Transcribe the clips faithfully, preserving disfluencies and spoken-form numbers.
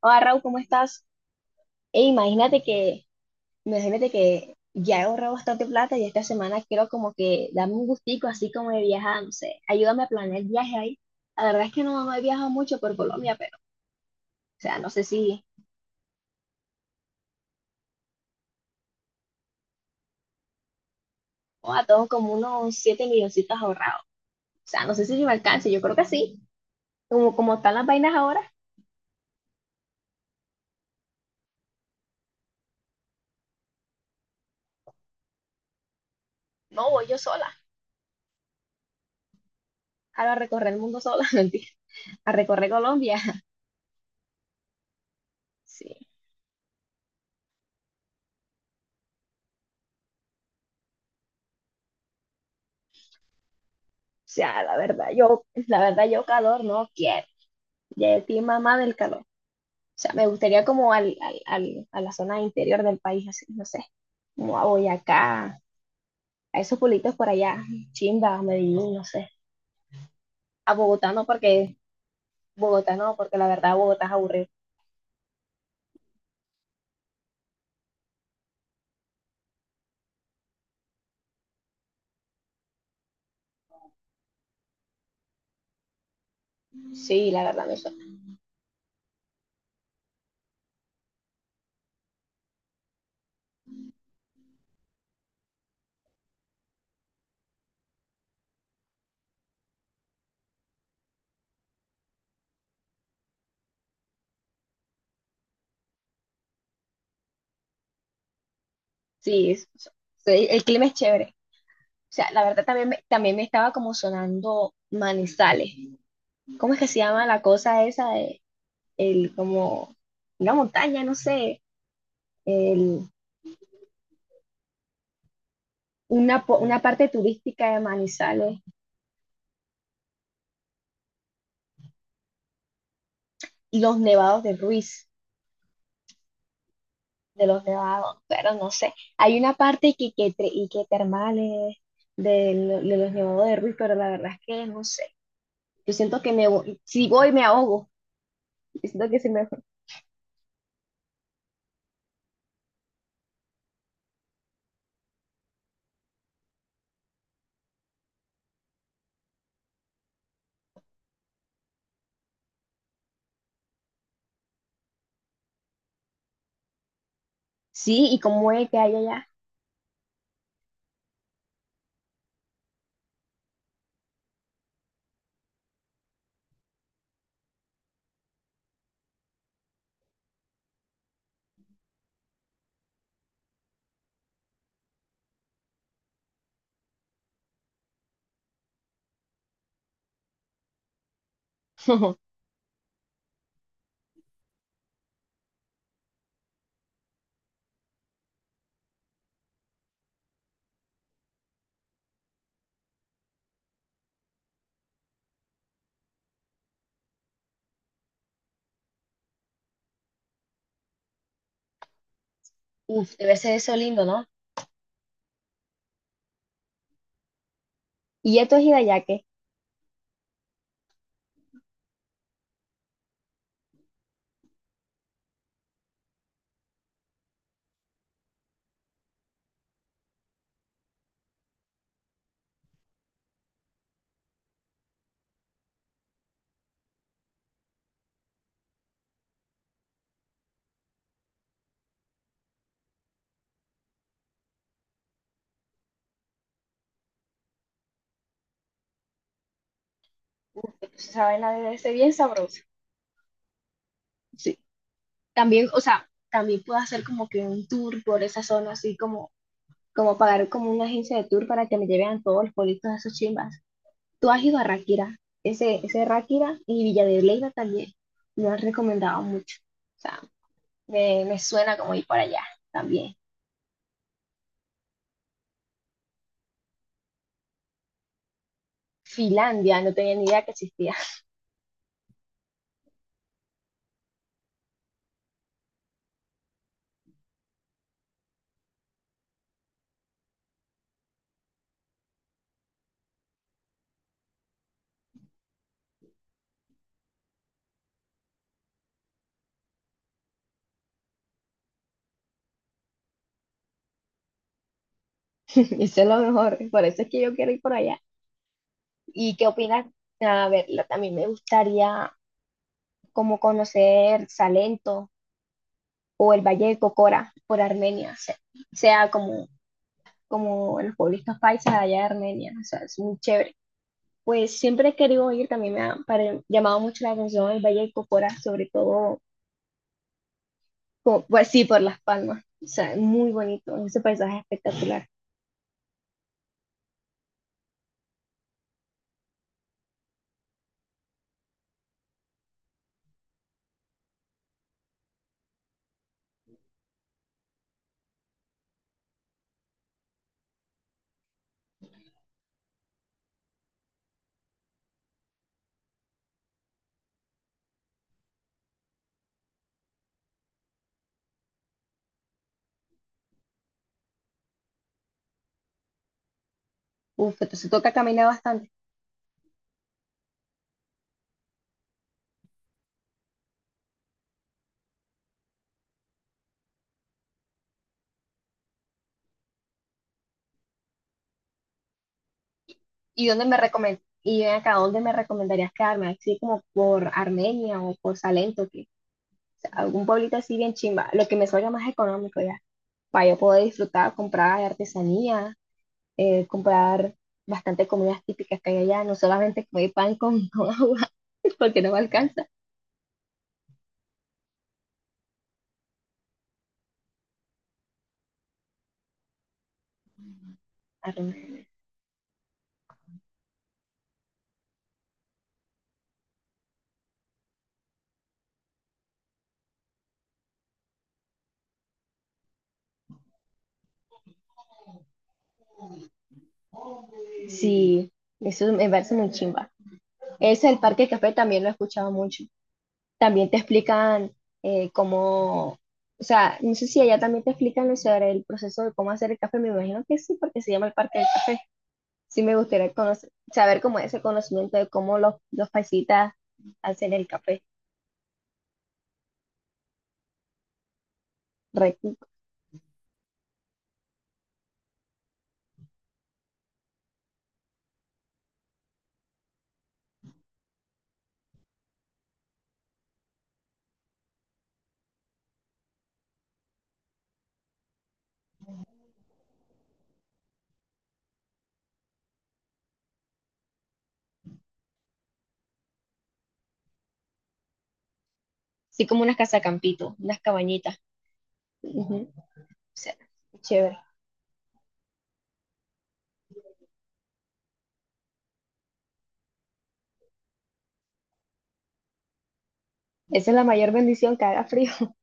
Hola Raúl, ¿cómo estás? Ey, imagínate que, imagínate que ya he ahorrado bastante plata y esta semana quiero como que darme un gustico así como de viajar, no sé, ayúdame a planear el viaje ahí. La verdad es que no, no he viajado mucho por Colombia, pero, o sea, no sé si, o a tengo como unos siete milloncitos ahorrados. O sea, no sé si me alcance, yo creo que sí. Como, como están las vainas ahora, no voy yo sola. Ahora a recorrer el mundo sola, mentira, a recorrer Colombia. Sí, o sea, la verdad, yo, la verdad, yo calor no quiero. Ya estoy mamá del calor. O sea, me gustaría como al, al, al- a la zona interior del país, así, no sé, como a Boyacá, a esos pueblitos por allá, Chimba, Medellín, no sé. A Bogotá no, porque Bogotá no, porque la verdad Bogotá es aburrido. Sí, la verdad me suena. Sí, es- sí, el clima es chévere. O sea, la verdad también me, también me estaba como sonando Manizales. ¿Cómo es que se llama la cosa esa de el como una montaña, no sé, el, una, po- una parte turística de Manizales, los nevados de Ruiz? De los nevados, pero no sé. Hay una parte que, que, tre- y que termales de, lo- de los nevados de Ruiz, pero la verdad es que no sé. Yo siento que me, vo- si voy me ahogo. Yo siento que se me... Sí, ¿y como es que hay allá? Uf, debe ser eso lindo, ¿no? Y esto es Hidayake. Esa vaina debe ser bien sabrosa. Sí. También, o sea, también puedo hacer como que un tour por esa zona, así como, como pagar como una agencia de tour para que me lleven a todos los pueblitos de esos chimbas. Tú has ido a Ráquira, ese, ese Ráquira y Villa de Leyva también. Me lo han recomendado mucho. O sea, me, me suena como ir para allá también. Finlandia, no tenía ni idea que existía. Eso es lo mejor, por eso es que yo quiero ir por allá. ¿Y qué opinas? A ver, lo- también me gustaría como conocer Salento o el Valle de Cocora por Armenia, o sea, sea como, como los pueblitos paisas allá de Armenia, o sea, es muy chévere. Pues siempre he querido ir, también me ha pare- llamado mucho la atención el Valle de Cocora, sobre todo, co- pues sí, por Las Palmas. O sea, es muy bonito, ese paisaje es espectacular. Uf, entonces toca caminar bastante. ¿Y dónde me recomend y ven acá, dónde me recomendarías quedarme? Así como por Armenia o por Salento, que o sea, algún pueblito así bien chimba, lo que me salga más económico ya, para yo poder disfrutar, comprar artesanía, eh, comprar bastante comidas típicas que hay allá, no solamente comer pan con, con agua, porque no me alcanza. Sí, eso me parece muy chimba. Ese, el Parque Café, también lo he escuchado mucho. También te explican eh, cómo, o sea, no sé si allá también te explican sobre el proceso de cómo hacer el café. Me imagino que sí, porque se llama el Parque del Café. Sí, me gustaría conocer, saber cómo es ese conocimiento de cómo los, los paisitas hacen el café. Re rico. Sí, como unas casacampitos, unas cabañitas. Ujú. O sea, chévere. Esa es la mayor bendición, que haga frío.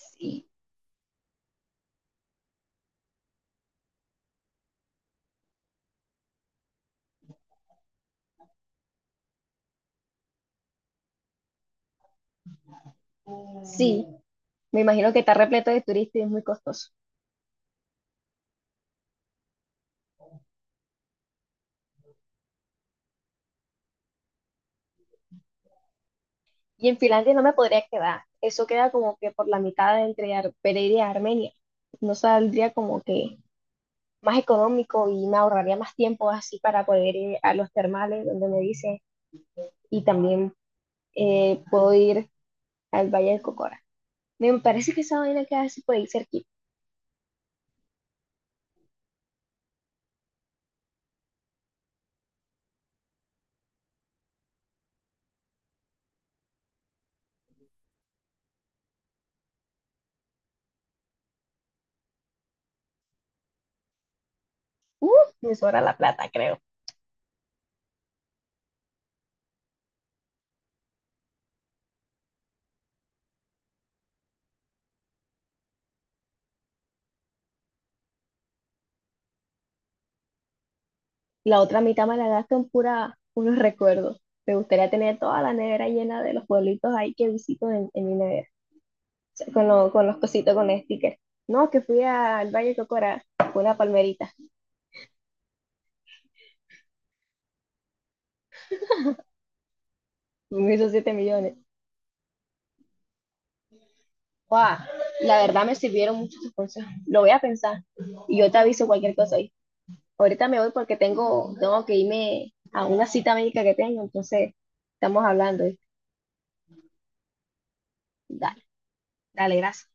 Sí, sí. Me imagino que está repleto de turistas y es muy costoso. Y en Finlandia no me podría quedar. Eso queda como que por la mitad entre Ar- Pereira y Armenia. No saldría como que más económico y me ahorraría más tiempo así para poder ir a los termales donde me dice. Y también eh, puedo ir al Valle del Cocora. Me parece que esa vaina queda así por ahí cerquita. Uh, me sobra la plata, creo. La otra mitad me la gasto en pura unos recuerdos. Me gustaría tener toda la nevera llena de los pueblitos ahí que visito en en mi nevera. Con, lo- con los cositos, con el sticker. No, que fui al Valle Cocora con una palmerita, me hizo siete millones. ¡Guau! La verdad me sirvieron mucho tus consejos. Lo voy a pensar y yo te aviso cualquier cosa ahí. Ahorita me voy porque tengo, tengo que irme a una cita médica que tengo, entonces estamos hablando, ¿eh? Dale, dale, gracias.